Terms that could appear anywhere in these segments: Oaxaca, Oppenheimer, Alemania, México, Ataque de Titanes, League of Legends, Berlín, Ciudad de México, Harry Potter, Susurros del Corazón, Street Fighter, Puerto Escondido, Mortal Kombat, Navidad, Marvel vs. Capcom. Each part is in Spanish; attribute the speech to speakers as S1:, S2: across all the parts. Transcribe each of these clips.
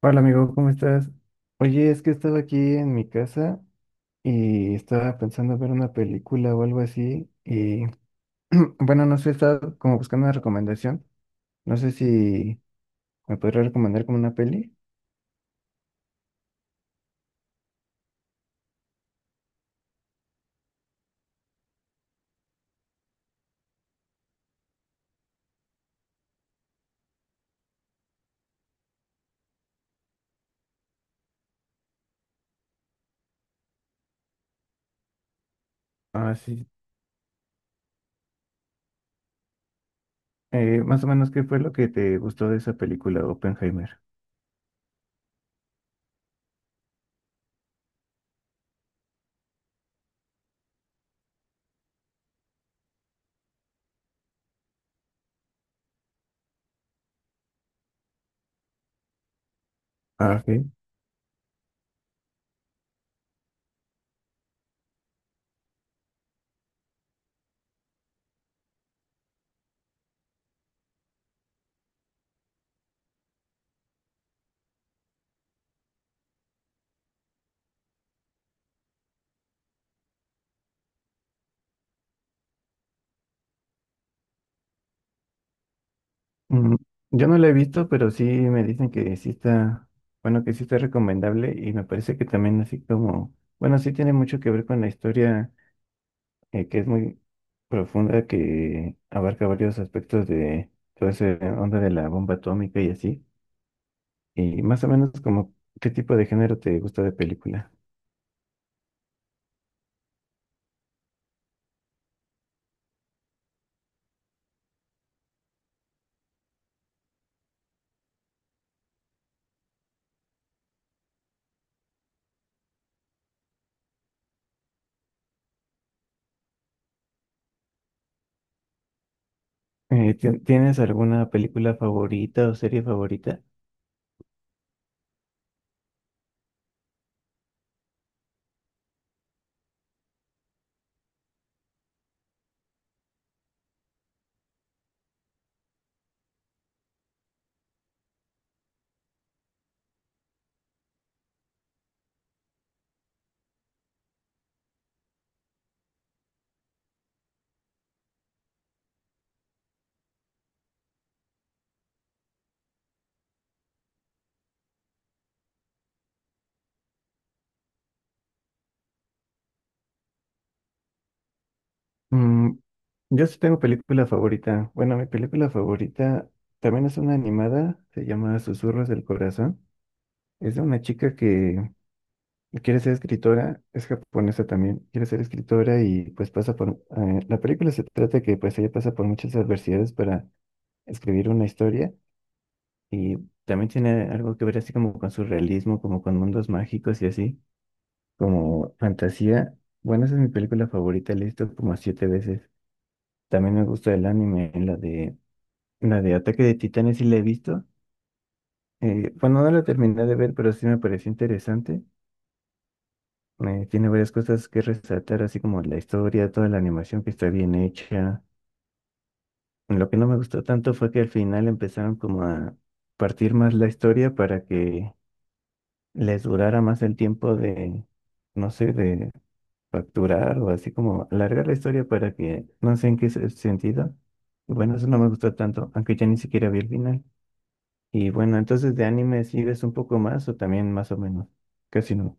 S1: Hola amigo, ¿cómo estás? Oye, es que estaba aquí en mi casa y estaba pensando ver una película o algo así y bueno, no sé, estaba como buscando una recomendación. No sé si me podrías recomendar como una peli. Ah, sí. Más o menos, ¿qué fue lo que te gustó de esa película, Oppenheimer? Ah, ok. Mm, yo no la he visto, pero sí me dicen que sí está, bueno, que sí está recomendable y me parece que también así como, bueno, sí tiene mucho que ver con la historia que es muy profunda, que abarca varios aspectos de toda esa onda de la bomba atómica y así. Y más o menos como, ¿qué tipo de género te gusta de película? Tienes alguna película favorita o serie favorita? Mm, yo sí tengo película favorita. Bueno, mi película favorita también es una animada, se llama Susurros del Corazón. Es de una chica que quiere ser escritora, es japonesa también, quiere ser escritora y pues pasa por... la película se trata que pues ella pasa por muchas adversidades para escribir una historia y también tiene algo que ver así como con su realismo, como con mundos mágicos y así, como fantasía. Bueno, esa es mi película favorita, la he visto como siete veces. También me gusta el anime, la de Ataque de Titanes sí la he visto. Bueno, no la terminé de ver, pero sí me pareció interesante. Tiene varias cosas que resaltar, así como la historia, toda la animación que está bien hecha. Lo que no me gustó tanto fue que al final empezaron como a partir más la historia para que les durara más el tiempo de, no sé, de facturar o así como alargar la historia para que, no sé en qué sentido. Y bueno, eso no me gustó tanto, aunque ya ni siquiera vi el final. Y bueno, entonces de anime sí ves un poco más o también más o menos, casi no.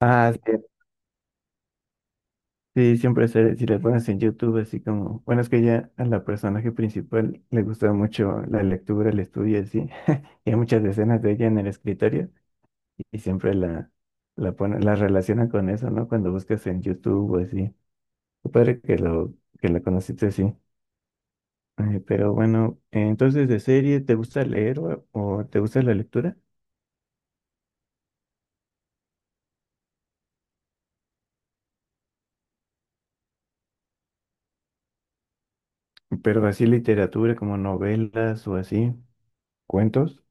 S1: Ah, sí, sí, siempre se, si le pones en YouTube, así como, bueno, es que ya a la personaje principal le gusta mucho la lectura, el estudio, y así, y hay muchas escenas de ella en el escritorio y siempre la, la ponen, la relacionan con eso, ¿no? Cuando buscas en YouTube o así. Qué padre que lo, que la conociste así. Pero bueno, entonces de serie, ¿te gusta leer o te gusta la lectura? Pero así literatura, como novelas o así, cuentos.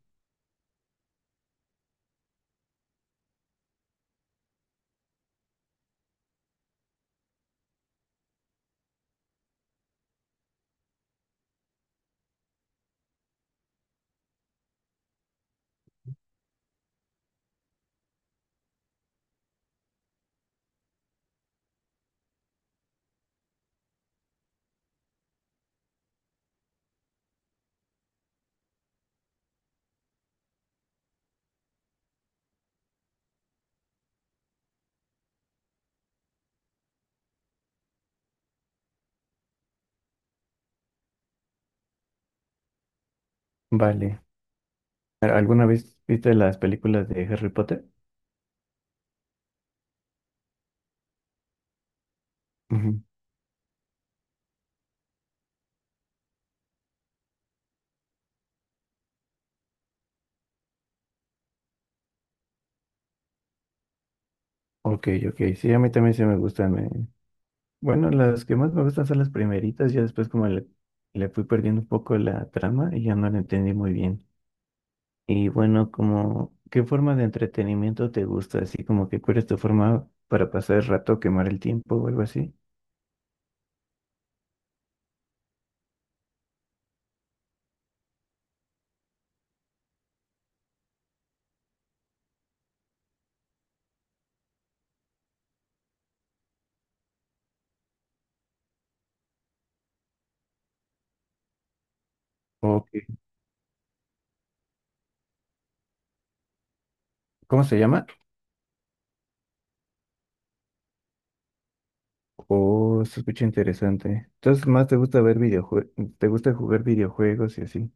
S1: Vale. ¿Alguna vez viste las películas de Harry Potter? Ujú. Ok, ok, sí, a mí también sí me gustan. Bueno, las que más me gustan son las primeritas, ya después como le fui perdiendo un poco la trama y ya no la entendí muy bien. Y bueno, como, ¿qué forma de entretenimiento te gusta? Así como que cuál es tu forma para pasar el rato, quemar el tiempo o algo así. ¿O ¿Cómo se llama? Oh, se escucha interesante. Entonces, más te gusta ver videojuegos, te gusta jugar videojuegos y así.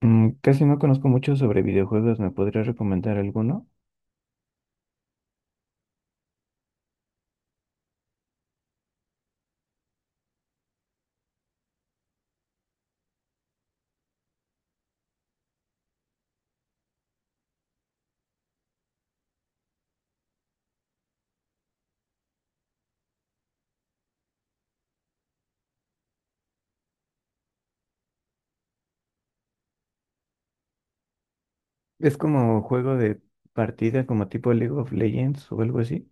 S1: Casi no conozco mucho sobre videojuegos, ¿me podrías recomendar alguno? Es como juego de partida, como tipo League of Legends o algo así.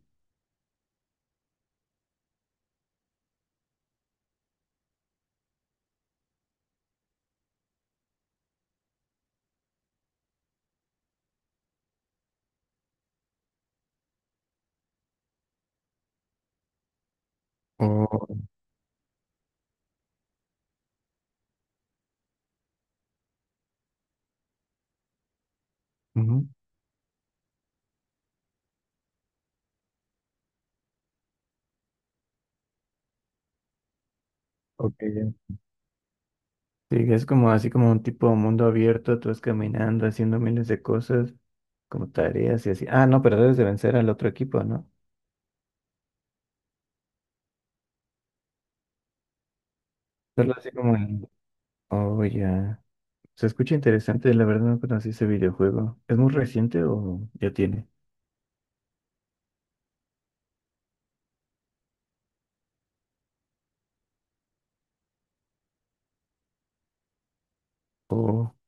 S1: O, ujú, ok, ya. Sí, es como así como un tipo mundo abierto, tú vas caminando, haciendo miles de cosas, como tareas y así. Ah, no, pero debes de vencer al otro equipo, ¿no? Solo así como el... Oh, ya. Se escucha interesante, la verdad no conocí ese videojuego. ¿Es muy reciente o ya tiene?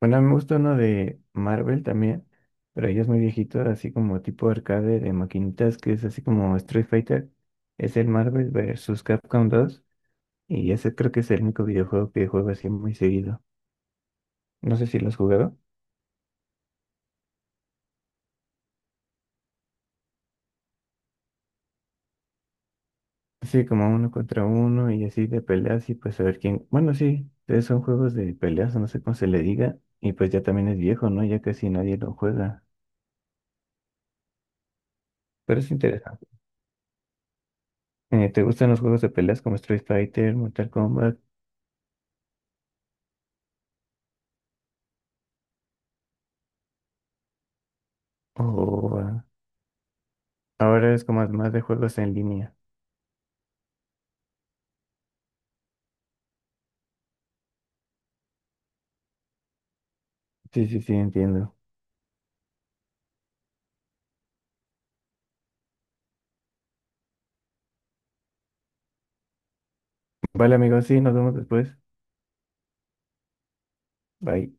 S1: Bueno, a mí me gusta uno de Marvel también, pero ya es muy viejito, así como tipo arcade de maquinitas, que es así como Street Fighter. Es el Marvel vs. Capcom 2 y ese creo que es el único videojuego que juego así muy seguido. No sé si lo has jugado. Sí, como uno contra uno y así de peleas y pues a ver quién. Bueno, sí, entonces son juegos de peleas, no sé cómo se le diga, y pues ya también es viejo, ¿no? Ya casi nadie lo juega. Pero es interesante. ¿Te gustan los juegos de peleas como Street Fighter, Mortal Kombat o... ah, ahora es como más de juegos en línea. Sí, sí, sí, entiendo. Vale, amigos, sí, nos vemos después. Bye.